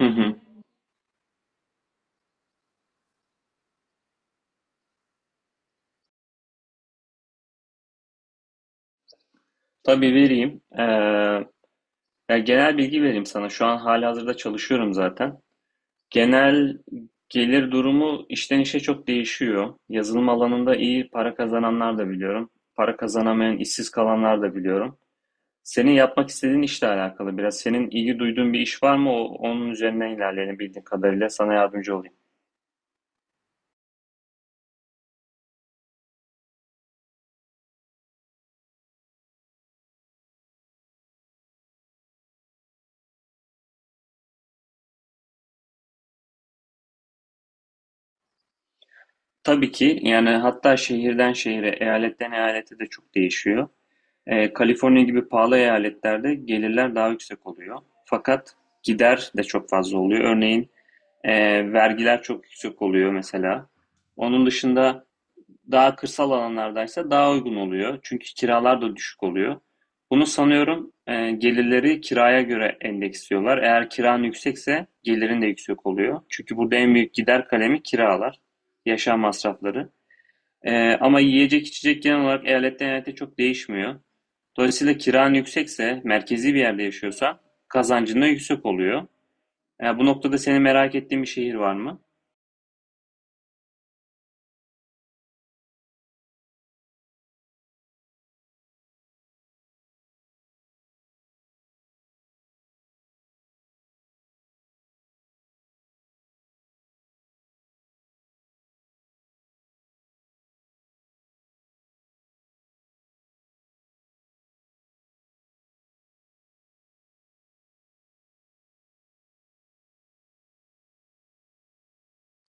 Hı hı. Tabii vereyim. Ya genel bilgi vereyim sana. Şu an halihazırda çalışıyorum zaten. Genel gelir durumu işten işe çok değişiyor. Yazılım alanında iyi para kazananlar da biliyorum. Para kazanamayan, işsiz kalanlar da biliyorum. Senin yapmak istediğin işle alakalı biraz. Senin ilgi duyduğun bir iş var mı? Onun üzerine ilerleyelim bildiğim kadarıyla. Sana yardımcı olayım. Tabii ki yani hatta şehirden şehire, eyaletten eyalete de çok değişiyor. Kaliforniya gibi pahalı eyaletlerde gelirler daha yüksek oluyor. Fakat gider de çok fazla oluyor. Örneğin vergiler çok yüksek oluyor mesela. Onun dışında daha kırsal alanlardaysa daha uygun oluyor. Çünkü kiralar da düşük oluyor. Bunu sanıyorum gelirleri kiraya göre endeksliyorlar. Eğer kiran yüksekse gelirin de yüksek oluyor. Çünkü burada en büyük gider kalemi kiralar, yaşam masrafları. Ama yiyecek içecek genel olarak eyaletten eyalete çok değişmiyor. Dolayısıyla kiran yüksekse, merkezi bir yerde yaşıyorsa kazancın da yüksek oluyor. Ya bu noktada senin merak ettiğin bir şehir var mı?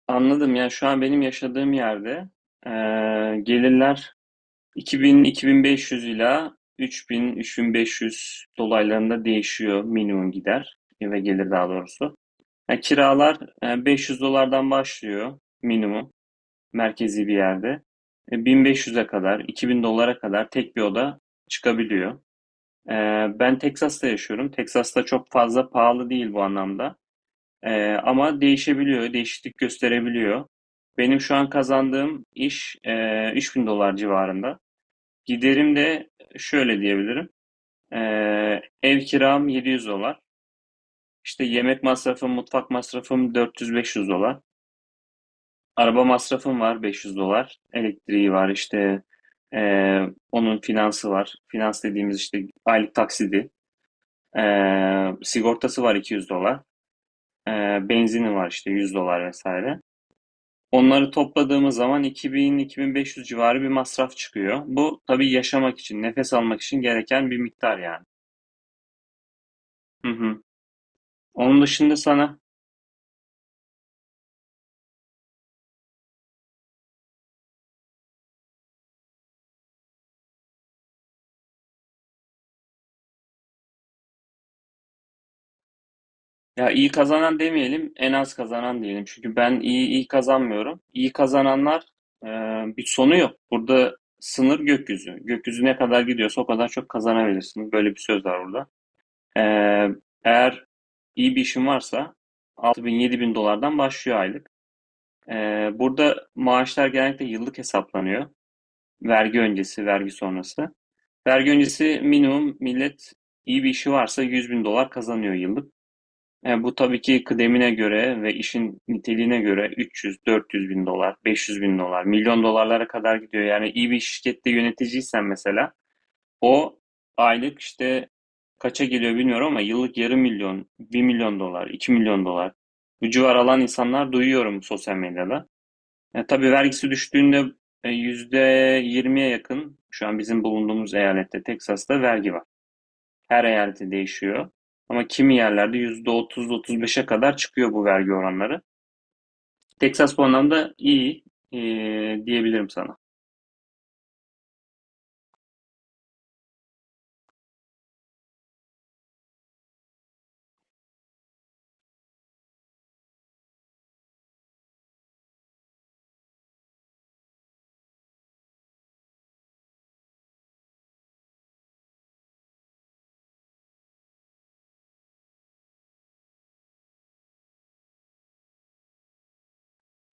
Anladım. Yani şu an benim yaşadığım yerde gelirler 2000-2500 ila 3000-3500 dolaylarında değişiyor minimum gider ve gelir daha doğrusu. Yani kiralar 500 dolardan başlıyor minimum merkezi bir yerde. 1500'e kadar, 2000 dolara kadar tek bir oda çıkabiliyor. Ee, ben Teksas'ta yaşıyorum. Texas'ta çok fazla pahalı değil bu anlamda. Ama değişebiliyor, değişiklik gösterebiliyor. Benim şu an kazandığım iş 3000 dolar civarında. Giderim de şöyle diyebilirim. Ev kiram 700 dolar. İşte yemek masrafım, mutfak masrafım 400-500 dolar. Araba masrafım var 500 dolar. Elektriği var işte e, onun finansı var. Finans dediğimiz işte aylık taksidi. Sigortası var 200 dolar. Benzini var işte 100 dolar vesaire. Onları topladığımız zaman 2000-2500 civarı bir masraf çıkıyor. Bu tabii yaşamak için, nefes almak için gereken bir miktar yani. Hı hı. Onun dışında sana ya iyi kazanan demeyelim, en az kazanan diyelim. Çünkü ben iyi iyi kazanmıyorum. İyi kazananlar e, bir sonu yok. Burada sınır gökyüzü. Gökyüzü ne kadar gidiyorsa o kadar çok kazanabilirsiniz. Böyle bir söz var burada. Ee, eğer iyi bir işin varsa 6000 bin dolardan başlıyor aylık. Burada maaşlar genellikle yıllık hesaplanıyor. Vergi öncesi, vergi sonrası. Vergi öncesi minimum millet iyi bir işi varsa 100 bin dolar kazanıyor yıllık. Bu tabii ki kıdemine göre ve işin niteliğine göre 300-400 bin dolar, 500 bin dolar, milyon dolarlara kadar gidiyor. Yani iyi bir şirkette yöneticiysen mesela o aylık işte kaça geliyor bilmiyorum ama yıllık yarım milyon, 1 milyon dolar, 2 milyon dolar bu civar alan insanlar duyuyorum sosyal medyada. Tabii vergisi düştüğünde %20'ye yakın şu an bizim bulunduğumuz eyalette Teksas'ta vergi var. Her eyalette değişiyor. Ama kimi yerlerde %30, otuz beşe kadar çıkıyor bu vergi oranları. Texas bu anlamda iyi e, diyebilirim sana.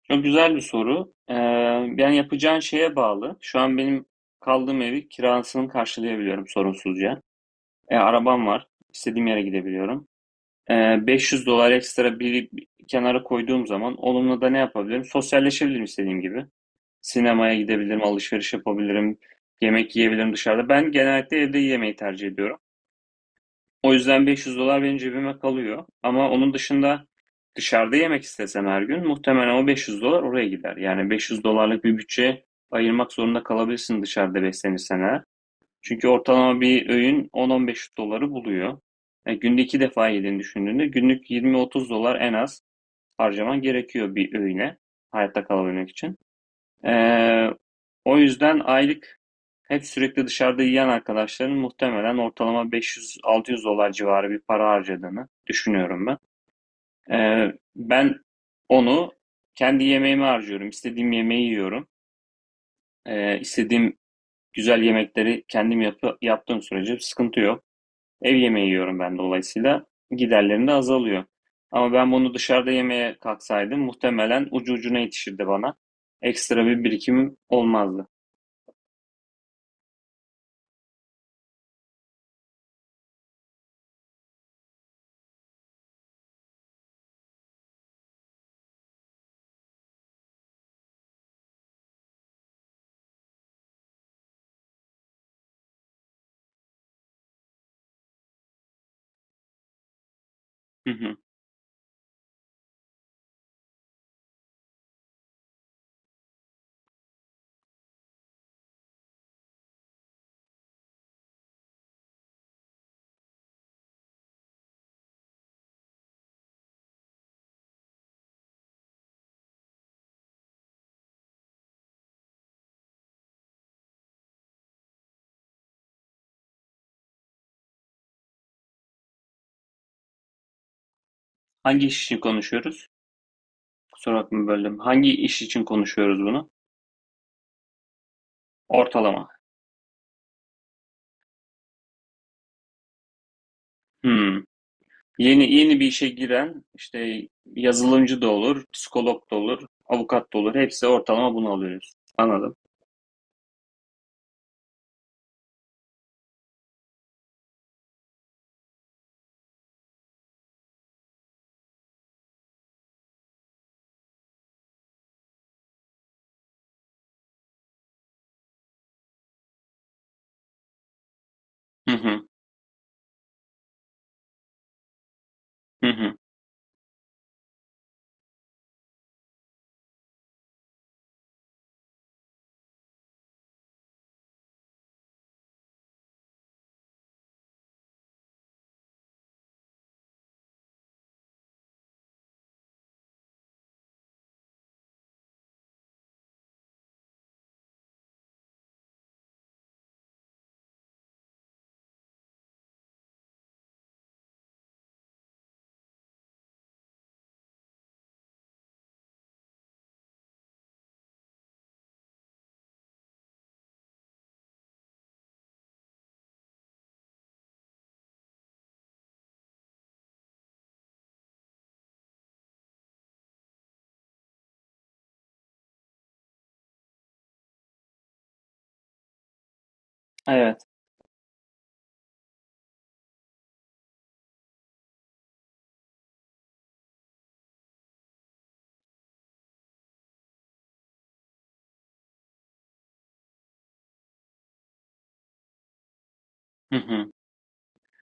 Çok güzel bir soru. Yani yapacağın şeye bağlı. Şu an benim kaldığım evi kirasını karşılayabiliyorum sorunsuzca. Arabam var. İstediğim yere gidebiliyorum. 500 dolar ekstra bir kenara koyduğum zaman onunla da ne yapabilirim? Sosyalleşebilirim istediğim gibi. Sinemaya gidebilirim, alışveriş yapabilirim, yemek yiyebilirim dışarıda. Ben genellikle evde yemeği tercih ediyorum. O yüzden 500 dolar benim cebime kalıyor. Ama onun dışında dışarıda yemek istesem her gün muhtemelen o 500 dolar oraya gider. Yani 500 dolarlık bir bütçe ayırmak zorunda kalabilirsin dışarıda beslenirsen eğer. Çünkü ortalama bir öğün 10-15 doları buluyor. Günde iki defa yediğini düşündüğünde günlük 20-30 dolar en az harcaman gerekiyor bir öğüne hayatta kalabilmek için. Eee, o yüzden aylık hep sürekli dışarıda yiyen arkadaşların muhtemelen ortalama 500-600 dolar civarı bir para harcadığını düşünüyorum ben. Ben onu kendi yemeğime harcıyorum. İstediğim yemeği yiyorum. İstediğim güzel yemekleri kendim yaptığım sürece sıkıntı yok. Ev yemeği yiyorum ben dolayısıyla giderlerim de azalıyor. Ama ben bunu dışarıda yemeye kalksaydım muhtemelen ucu ucuna yetişirdi bana. Ekstra bir birikimim olmazdı. Hı hı. Hangi iş için konuşuyoruz? Kusura bakma böldüm. Hangi iş için konuşuyoruz bunu? Ortalama. Hmm. Yeni yeni bir işe giren işte yazılımcı da olur, psikolog da olur, avukat da olur. Hepsi ortalama bunu alıyoruz. Anladım. Hı hı. Hı hı. Evet. Hı hı.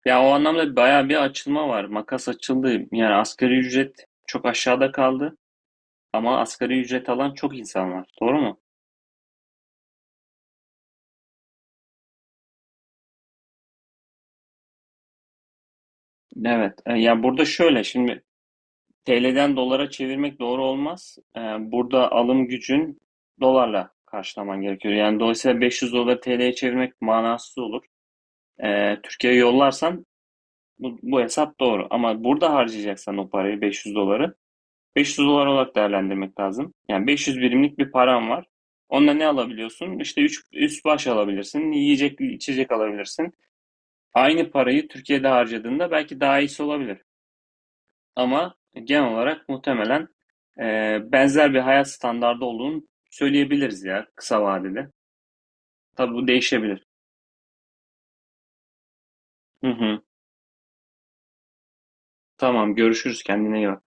Ya o anlamda bayağı bir açılma var. Makas açıldı. Yani asgari ücret çok aşağıda kaldı. Ama asgari ücret alan çok insan var. Doğru mu? Evet. Ya burada şöyle şimdi TL'den dolara çevirmek doğru olmaz. Burada alım gücün dolarla karşılaman gerekiyor. Yani dolayısıyla 500 dolar TL'ye çevirmek manasız olur. Türkiye'ye yollarsan bu hesap doğru. Ama burada harcayacaksan o parayı 500 doları 500 dolar olarak değerlendirmek lazım. Yani 500 birimlik bir param var. Onunla ne alabiliyorsun? İşte üst baş alabilirsin, yiyecek, içecek alabilirsin. Aynı parayı Türkiye'de harcadığında belki daha iyisi olabilir. Ama genel olarak muhtemelen e, benzer bir hayat standardı olduğunu söyleyebiliriz ya kısa vadede. Tabii bu değişebilir. Hı hı. Tamam görüşürüz kendine iyi bak.